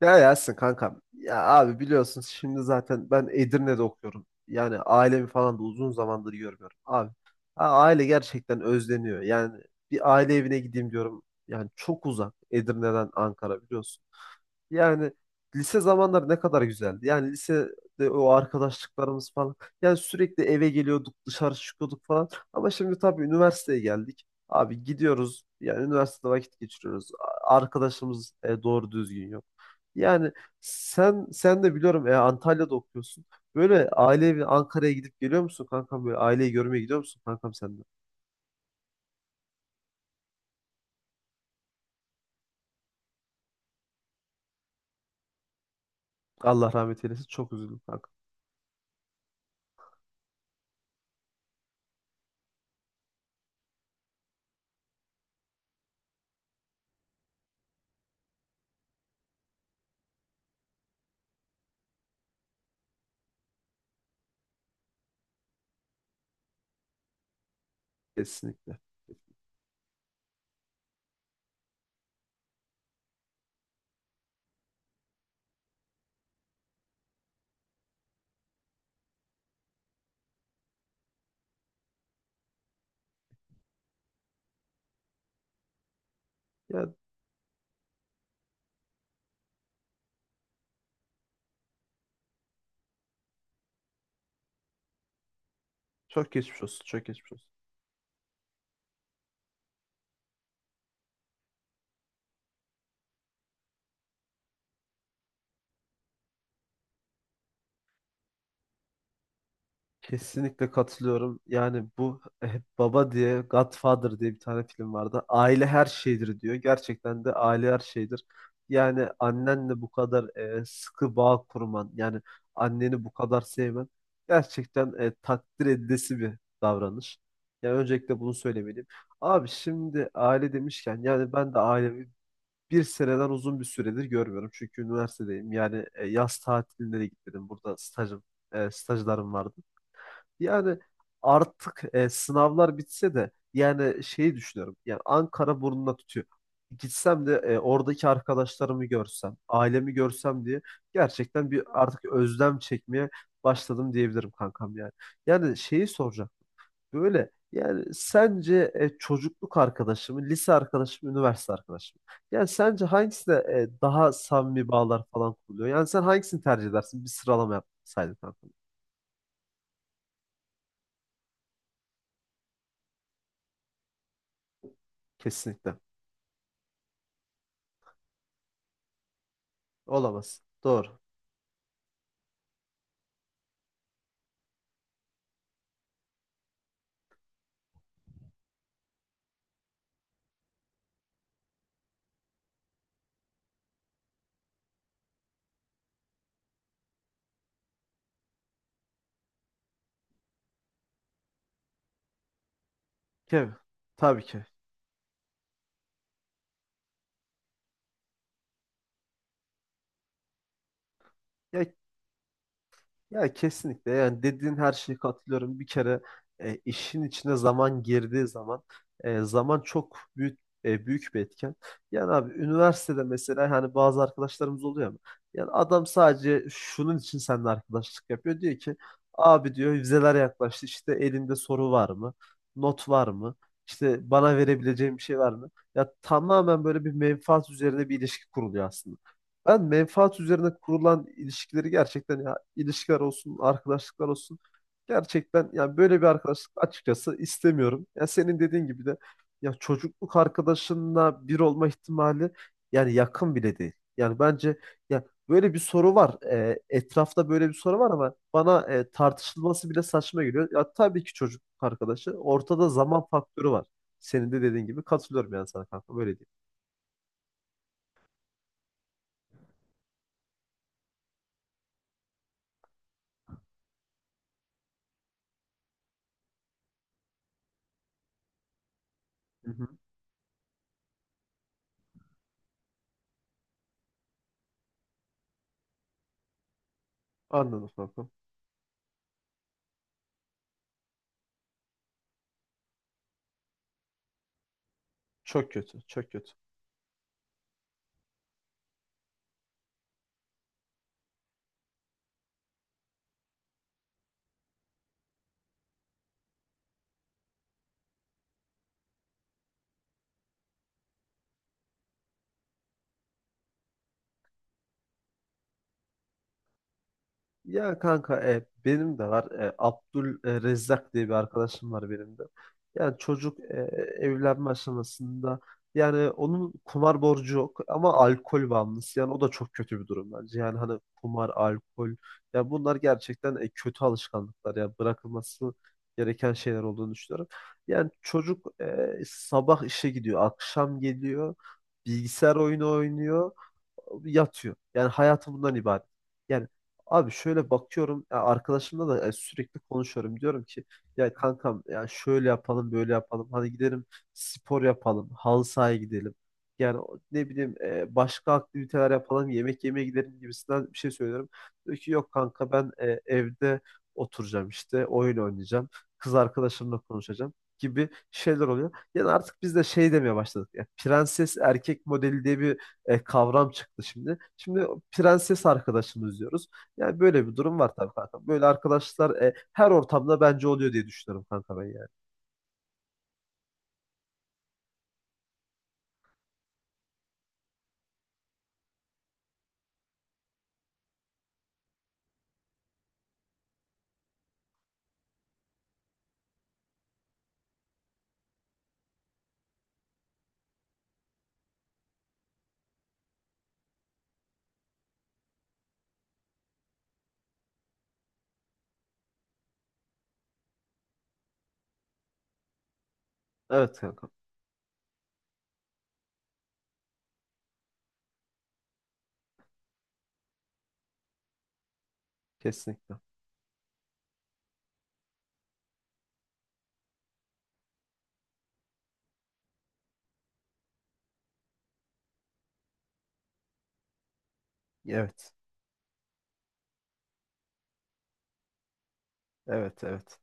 Ya Yasin kankam. Ya abi biliyorsun şimdi zaten ben Edirne'de okuyorum. Yani ailemi falan da uzun zamandır görmüyorum. Abi ha, aile gerçekten özleniyor. Yani bir aile evine gideyim diyorum. Yani çok uzak Edirne'den Ankara biliyorsun. Yani lise zamanları ne kadar güzeldi. Yani lisede o arkadaşlıklarımız falan. Yani sürekli eve geliyorduk, dışarı çıkıyorduk falan. Ama şimdi tabii üniversiteye geldik. Abi gidiyoruz. Yani üniversitede vakit geçiriyoruz. Arkadaşımız doğru düzgün yok. Yani sen de biliyorum, Antalya'da okuyorsun. Böyle ailevi Ankara'ya gidip geliyor musun kankam? Böyle aileyi görmeye gidiyor musun kankam sen de? Allah rahmet eylesin. Çok üzüldüm kankam. Kesinlikle. Yani çok geçmiş olsun. Çok geçmiş olsun. Kesinlikle katılıyorum. Yani bu hep baba diye Godfather diye bir tane film vardı. Aile her şeydir diyor. Gerçekten de aile her şeydir. Yani annenle bu kadar sıkı bağ kurman, yani anneni bu kadar sevmen gerçekten takdir edilesi bir davranış. Yani öncelikle bunu söylemeliyim. Abi şimdi aile demişken yani ben de ailemi bir seneden uzun bir süredir görmüyorum. Çünkü üniversitedeyim. Yani yaz tatiline de gitmedim. Burada stajım, stajlarım vardı. Yani artık sınavlar bitse de yani şeyi düşünüyorum. Yani Ankara burnuna tutuyor. Gitsem de oradaki arkadaşlarımı görsem, ailemi görsem diye gerçekten bir artık özlem çekmeye başladım diyebilirim kankam yani. Yani şeyi soracağım. Böyle yani sence çocukluk arkadaşı mı, lise arkadaşı mı, üniversite arkadaşı mı? Yani sence hangisine daha samimi bağlar falan kuruluyor? Yani sen hangisini tercih edersin? Bir sıralama yapsaydın kankam. Kesinlikle. Olamaz. Doğru. Kev, tabii ki. Ya, ya kesinlikle yani dediğin her şeye katılıyorum. Bir kere işin içine zaman girdiği zaman zaman çok büyük büyük bir etken. Yani abi üniversitede mesela hani bazı arkadaşlarımız oluyor ama yani adam sadece şunun için seninle arkadaşlık yapıyor. Diyor ki abi diyor vizeler yaklaştı işte elinde soru var mı? Not var mı? İşte bana verebileceğim bir şey var mı? Ya tamamen böyle bir menfaat üzerine bir ilişki kuruluyor aslında. Ben menfaat üzerine kurulan ilişkileri gerçekten ya ilişkiler olsun, arkadaşlıklar olsun gerçekten yani böyle bir arkadaşlık açıkçası istemiyorum. Ya senin dediğin gibi de ya çocukluk arkadaşınla bir olma ihtimali yani yakın bile değil. Yani bence ya böyle bir soru var. E etrafta böyle bir soru var ama bana, tartışılması bile saçma geliyor. Ya tabii ki çocukluk arkadaşı. Ortada zaman faktörü var. Senin de dediğin gibi katılıyorum yani sana kanka böyle diyeyim. Hı hı. Anladım kanka. Çok kötü, çok kötü. Ya kanka, benim de var. E, Abdul Rezzak diye bir arkadaşım var benim de. Yani çocuk evlenme aşamasında yani onun kumar borcu yok ama alkol bağımlısı. Yani o da çok kötü bir durum bence. Yani hani kumar, alkol, ya bunlar gerçekten kötü alışkanlıklar, ya bırakılması gereken şeyler olduğunu düşünüyorum. Yani çocuk, sabah işe gidiyor, akşam geliyor, bilgisayar oyunu oynuyor, yatıyor. Yani hayatı bundan ibaret. Yani abi şöyle bakıyorum ya arkadaşımla da sürekli konuşuyorum. Diyorum ki ya kankam ya şöyle yapalım böyle yapalım. Hadi gidelim spor yapalım. Halı sahaya gidelim. Yani ne bileyim, başka aktiviteler yapalım. Yemek yemeye gidelim gibisinden bir şey söylüyorum. Diyor ki yok kanka ben, evde oturacağım işte oyun oynayacağım. Kız arkadaşımla konuşacağım gibi şeyler oluyor. Yani artık biz de şey demeye başladık. Ya, prenses erkek modeli diye bir kavram çıktı şimdi. Şimdi prenses arkadaşımız diyoruz. Yani böyle bir durum var tabii kanka. Böyle arkadaşlar her ortamda bence oluyor diye düşünüyorum kanka ben yani. Evet kanka. Kesinlikle. Evet. Evet, evet.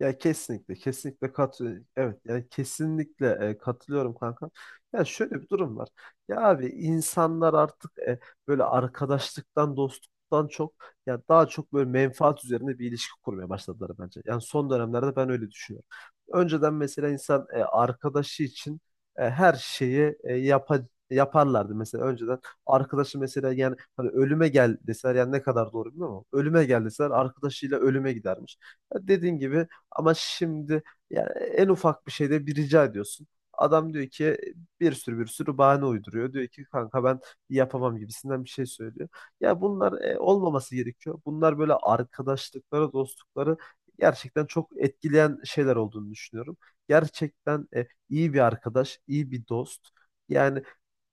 Ya kesinlikle, kesinlikle kat evet yani kesinlikle katılıyorum kanka. Ya şöyle bir durum var. Ya abi insanlar artık, böyle arkadaşlıktan, dostluktan çok, ya daha çok böyle menfaat üzerine bir ilişki kurmaya başladılar bence. Yani son dönemlerde ben öyle düşünüyorum. Önceden mesela insan, arkadaşı için, her şeyi, yaparlardı mesela önceden arkadaşı mesela yani hani ölüme gel deseler yani ne kadar doğru bilmiyorum ama ölüme gel deseler arkadaşıyla ölüme gidermiş. Ya dediğin gibi, ama şimdi yani en ufak bir şeyde bir rica ediyorsun. Adam diyor ki bir sürü bahane uyduruyor. Diyor ki kanka ben yapamam gibisinden bir şey söylüyor. Ya bunlar olmaması gerekiyor. Bunlar böyle arkadaşlıkları, dostlukları gerçekten çok etkileyen şeyler olduğunu düşünüyorum. Gerçekten iyi bir arkadaş, iyi bir dost. Yani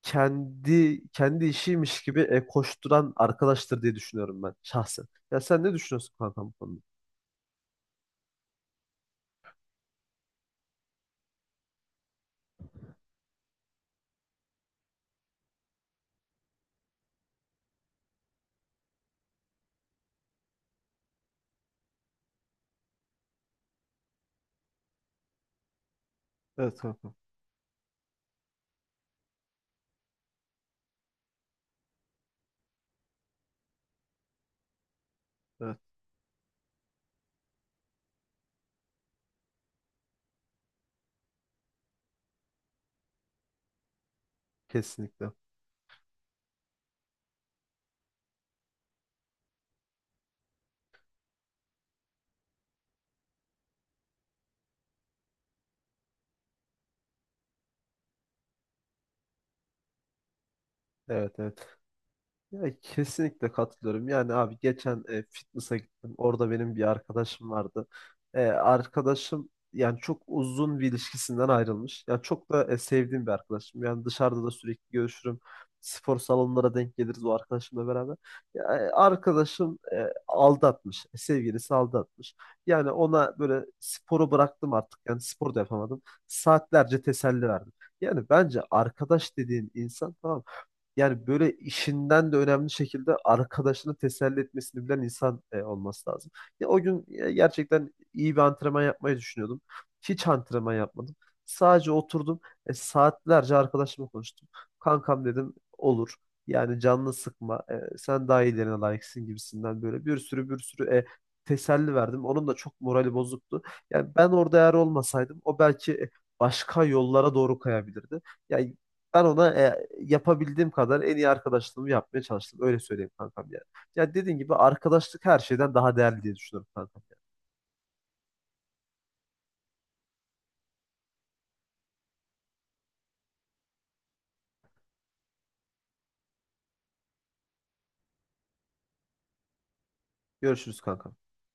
kendi işiymiş gibi koşturan arkadaştır diye düşünüyorum ben şahsen. Ya sen ne düşünüyorsun kanka bu konuda? Evet kanka. Evet. Kesinlikle. Evet, evet. Ya kesinlikle katılıyorum. Yani abi geçen fitness'a gittim. Orada benim bir arkadaşım vardı. E, arkadaşım yani çok uzun bir ilişkisinden ayrılmış. Ya çok da sevdiğim bir arkadaşım. Yani dışarıda da sürekli görüşürüm. Spor salonlara denk geliriz o arkadaşımla beraber. Ya, arkadaşım, aldatmış. E, sevgilisi aldatmış. Yani ona böyle sporu bıraktım artık. Yani spor da yapamadım. Saatlerce teselli verdim. Yani bence arkadaş dediğin insan tamam mı? Yani böyle işinden de önemli şekilde arkadaşını teselli etmesini bilen insan olması lazım. Ya, o gün, gerçekten iyi bir antrenman yapmayı düşünüyordum. Hiç antrenman yapmadım. Sadece oturdum. Saatlerce arkadaşımla konuştum. Kankam dedim olur. Yani canını sıkma. Sen daha iyilerine layıksın gibisinden böyle bir sürü teselli verdim. Onun da çok morali bozuktu. Yani ben orada eğer olmasaydım o belki başka yollara doğru kayabilirdi. Ya ben ona, yapabildiğim kadar en iyi arkadaşlığımı yapmaya çalıştım. Öyle söyleyeyim kankam yani. Ya dediğin gibi arkadaşlık her şeyden daha değerli diye düşünüyorum kankam. Yani. Görüşürüz kankam.